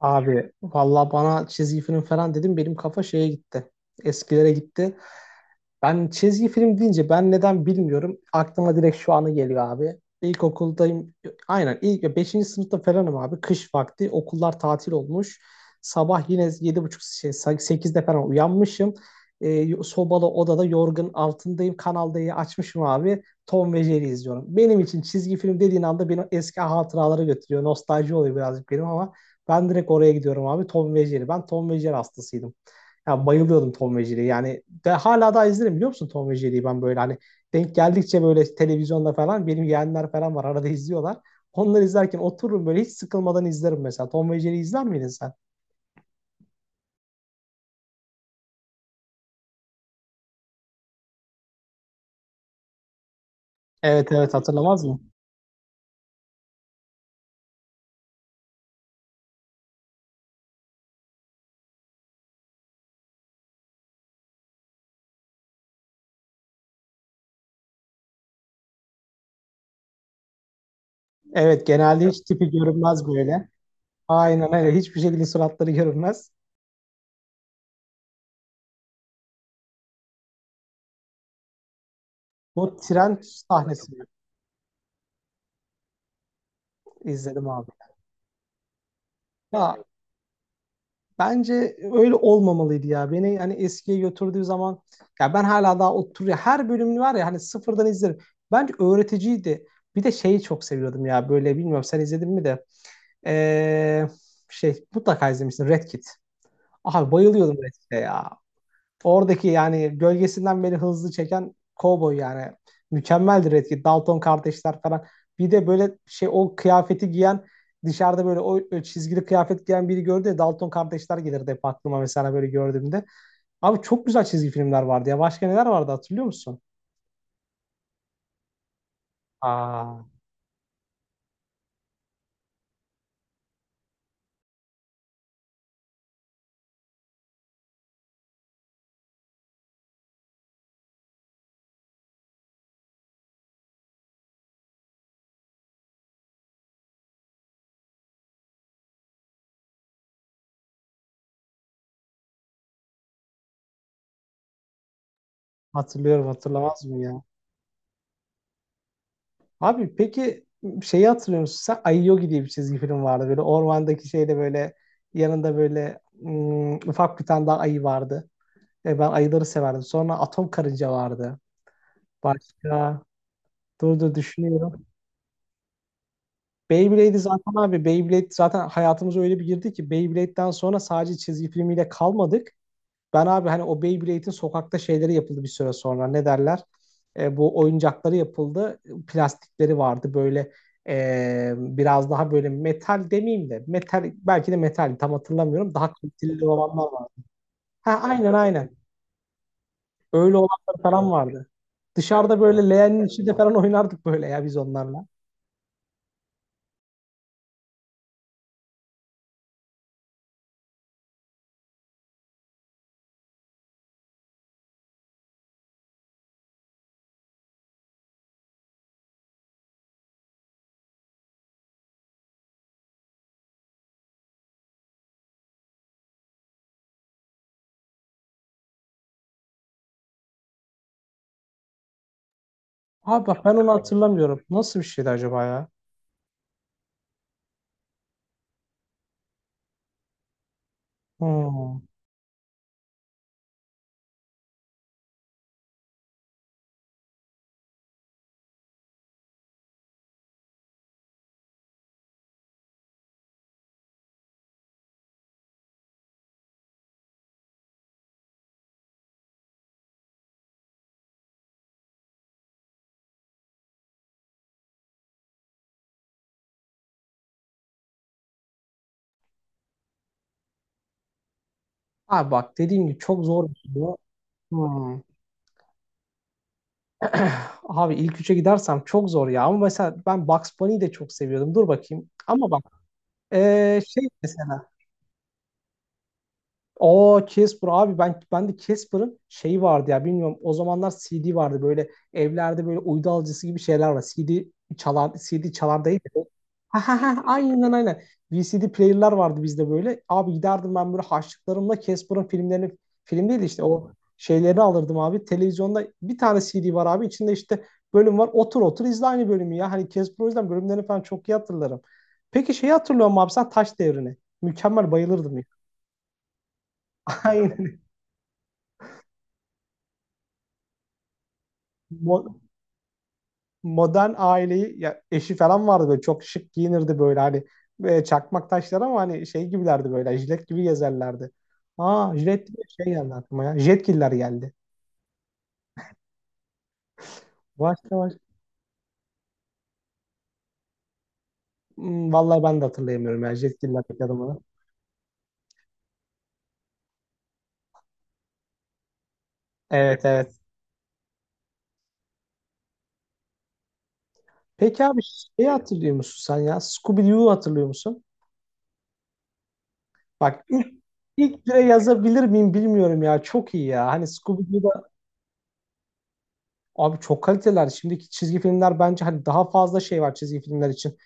Abi valla bana çizgi film falan dedim benim kafa şeye gitti. Eskilere gitti. Ben çizgi film deyince ben neden bilmiyorum. Aklıma direkt şu anı geliyor abi. İlkokuldayım. Aynen ilk beşinci sınıfta falanım abi. Kış vakti okullar tatil olmuş. Sabah yine 7:30 şey, 8'de falan uyanmışım. Sobalı odada yorgun altındayım. Kanal D'yi açmışım abi. Tom ve Jerry izliyorum. Benim için çizgi film dediğin anda beni eski hatıralara götürüyor. Nostalji oluyor birazcık benim ama ben direkt oraya gidiyorum abi. Tom ve Jerry. Ben Tom ve Jerry hastasıydım. Ya, bayılıyordum Tom ve Jerry'ye. Yani de, hala daha izlerim biliyor musun Tom ve Jerry'yi ben böyle hani denk geldikçe böyle televizyonda falan benim yeğenler falan var arada izliyorlar. Onları izlerken otururum böyle hiç sıkılmadan izlerim mesela. Tom ve Jerry izler miydin sen? Evet evet, hatırlamaz mı? Evet, genelde hiç tipi görünmez böyle. Aynen öyle, hiçbir şekilde suratları görünmez. Bu tren sahnesini izledim abi. Ya, bence öyle olmamalıydı ya. Beni hani eskiye götürdüğü zaman ya ben hala daha oturuyor. Her bölümünü var ya, hani sıfırdan izlerim. Bence öğreticiydi. Bir de şeyi çok seviyordum ya, böyle bilmiyorum sen izledin mi de. Ee, Şey, mutlaka izlemişsin Red Kit. Abi bayılıyordum Red Kit'e ya. Oradaki yani gölgesinden beni hızlı çeken Cowboy yani. Mükemmeldir etki. Dalton kardeşler falan. Bir de böyle şey o kıyafeti giyen dışarıda böyle o çizgili kıyafet giyen biri gördü ya, Dalton kardeşler gelirdi hep aklıma mesela böyle gördüğümde. Abi çok güzel çizgi filmler vardı ya. Başka neler vardı hatırlıyor musun? Aa, hatırlıyorum, hatırlamaz mı ya? Abi peki şeyi hatırlıyor musun sen? Ayogi diye bir çizgi film vardı. Böyle ormandaki şeyde böyle yanında böyle ufak bir tane daha ayı vardı. Ben ayıları severdim. Sonra atom karınca vardı. Başka, dur dur düşünüyorum. Beyblade'i zaten abi, Beyblade zaten hayatımıza öyle bir girdi ki Beyblade'den sonra sadece çizgi filmiyle kalmadık. Ben abi hani o Beyblade'in sokakta şeyleri yapıldı bir süre sonra. Ne derler? Bu oyuncakları yapıldı. Plastikleri vardı böyle, biraz daha böyle metal demeyeyim de metal, belki de metal tam hatırlamıyorum. Daha kaliteli olanlar vardı. Ha, aynen aynen. Öyle olanlar falan vardı. Dışarıda böyle leğenin içinde falan oynardık böyle ya biz onlarla. Abi bak ben onu hatırlamıyorum. Nasıl bir şeydi acaba ya? Hmm. Abi bak dediğim gibi çok zor bir şey bu. Hmm. Abi ilk üçe gidersem çok zor ya. Ama mesela ben Bugs Bunny'yi de çok seviyordum. Dur bakayım. Ama bak, şey mesela. O Casper abi, ben de Casper'ın şeyi vardı ya, bilmiyorum o zamanlar CD vardı, böyle evlerde böyle uydu alıcısı gibi şeyler var. CD çalar, CD çalar değil de. Ha ha ha, aynen aynen. VCD player'lar vardı bizde böyle. Abi giderdim ben böyle harçlıklarımla Casper'ın filmlerini, film değil de işte o şeylerini alırdım abi. Televizyonda bir tane CD var abi, içinde işte bölüm var. Otur otur izle aynı bölümü ya. Hani Casper, o yüzden bölümlerini falan çok iyi hatırlarım. Peki şeyi hatırlıyor musun abi sen, Taş Devri'ni? Mükemmel, bayılırdım ya. Aynen. Mo- modern aileyi, ya eşi falan vardı böyle, çok şık giyinirdi böyle hani, çakmak taşlar ama hani şey gibilerdi böyle, jilet gibi gezerlerdi. Aa, jilet diye şey geldi aklıma ya. Jetgiller geldi. Başka başka. Hmm, vallahi ben de hatırlayamıyorum ya. Jetgiller bekledim onu. Evet evet. Peki abi şeyi hatırlıyor musun sen ya? Scooby-Doo'yu hatırlıyor musun? Bak ilk bire yazabilir miyim bilmiyorum ya. Çok iyi ya. Hani Scooby-Doo'da. Abi çok kaliteler. Şimdiki çizgi filmler bence hani daha fazla şey var çizgi filmler için.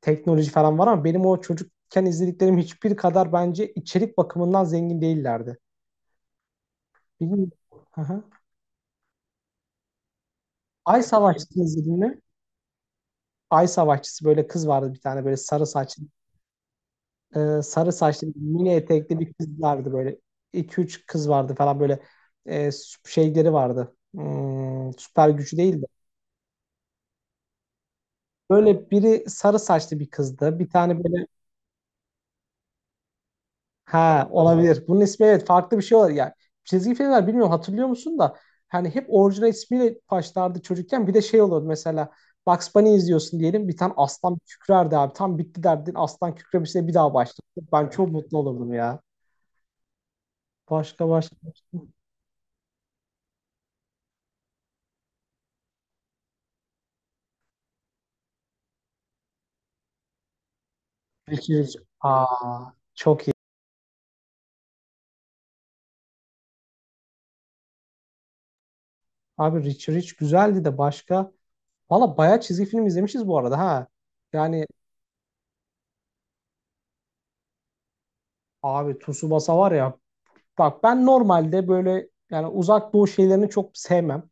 Teknoloji falan var ama benim o çocukken izlediklerim hiçbir kadar bence içerik bakımından zengin değillerdi. Bilmiyorum. Hı hı. Ay Savaşçısı izledin mi? Ay Savaşçısı, böyle kız vardı bir tane, böyle sarı saçlı sarı saçlı mini etekli bir kız vardı böyle. İki üç kız vardı falan böyle şeyleri vardı. Hmm, süper gücü değildi. Böyle biri sarı saçlı bir kızdı. Bir tane böyle. Ha, olabilir. Bunun ismi evet farklı bir şey olabilir. Yani çizgi filmler bilmiyorum hatırlıyor musun da hani hep orijinal ismiyle başlardı çocukken. Bir de şey olurdu mesela, Bugs Bunny izliyorsun diyelim, bir tane aslan kükrerdi abi. Tam bitti derdin, aslan kükremişse bir daha başladı. Ben çok mutlu olurdum ya. Başka başka. Richie Rich. Aa, çok iyi. Abi Richie Rich güzeldi de, başka? Valla bayağı çizgi film izlemişiz bu arada ha. Yani abi Tsubasa var ya. Bak ben normalde böyle yani uzak doğu şeylerini çok sevmem.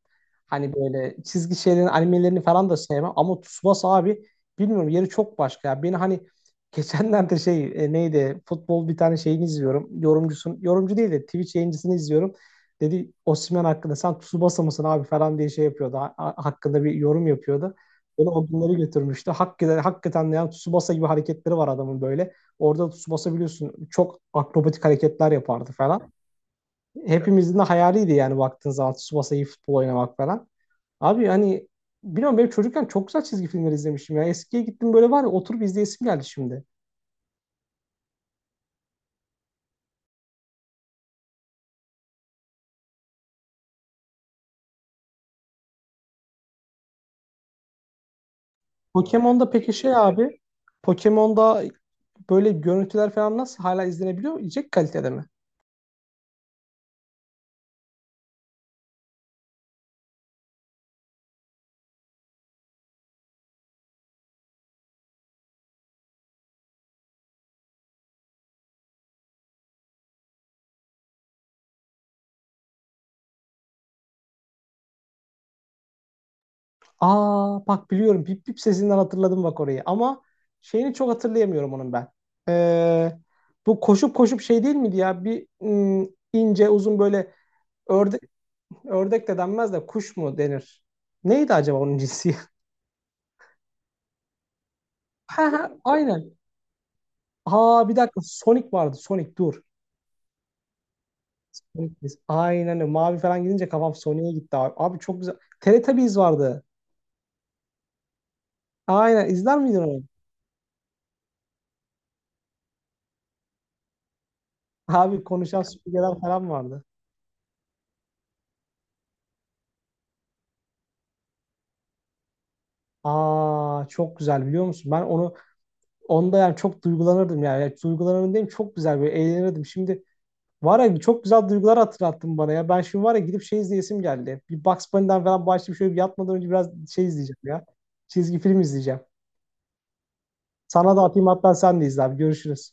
Hani böyle çizgi şeylerin animelerini falan da sevmem. Ama Tsubasa abi bilmiyorum, yeri çok başka ya. Beni hani geçenlerde şey, neydi, futbol bir tane şeyini izliyorum. Yorumcusun, yorumcu değil de Twitch yayıncısını izliyorum. Dedi Osimhen hakkında, sen Tsubasa mısın abi falan diye şey yapıyordu. Hakkında bir yorum yapıyordu. Beni o günleri götürmüştü. Hakikaten, hakikaten de yani Tsubasa gibi hareketleri var adamın böyle. Orada Tsubasa biliyorsun çok akrobatik hareketler yapardı falan, hepimizin de hayaliydi yani baktığın zaman Tsubasa iyi futbol oynamak falan. Abi hani bilmiyorum benim çocukken çok güzel çizgi filmler izlemişim ya. Eskiye gittim, böyle var ya oturup izleyesim geldi şimdi. Pokemon'da peki şey abi, Pokemon'da böyle görüntüler falan nasıl hala izlenebiliyor? Yiyecek kalitede mi? Aa, bak biliyorum, bip bip sesinden hatırladım bak orayı ama şeyini çok hatırlayamıyorum onun ben. Ee, Bu koşup koşup şey değil miydi ya, bir ince uzun böyle, örde, ördek de denmez de kuş mu denir? Neydi acaba onun cinsi? Ha ha, aynen. Ha, bir dakika, Sonic vardı. Sonic, dur. Sonic biz. Aynen öyle. Mavi falan gidince kafam Sonic'e gitti abi. Abi çok güzel. Teletubbies vardı. Aynen, izler miydin onu? Abi konuşan süpürgeler falan vardı. Aa, çok güzel, biliyor musun? Ben onu, onda yani çok duygulanırdım yani. Yani duygulanırdım diyeyim, çok güzel böyle eğlenirdim. Şimdi var ya, çok güzel duygular hatırlattın bana ya. Ben şimdi var ya gidip şey izleyesim geldi. Bir Bugs Bunny'den falan başlayıp şöyle bir, yatmadan önce biraz şey izleyeceğim ya. Çizgi film izleyeceğim. Sana da atayım, hatta sen de izle abi. Görüşürüz.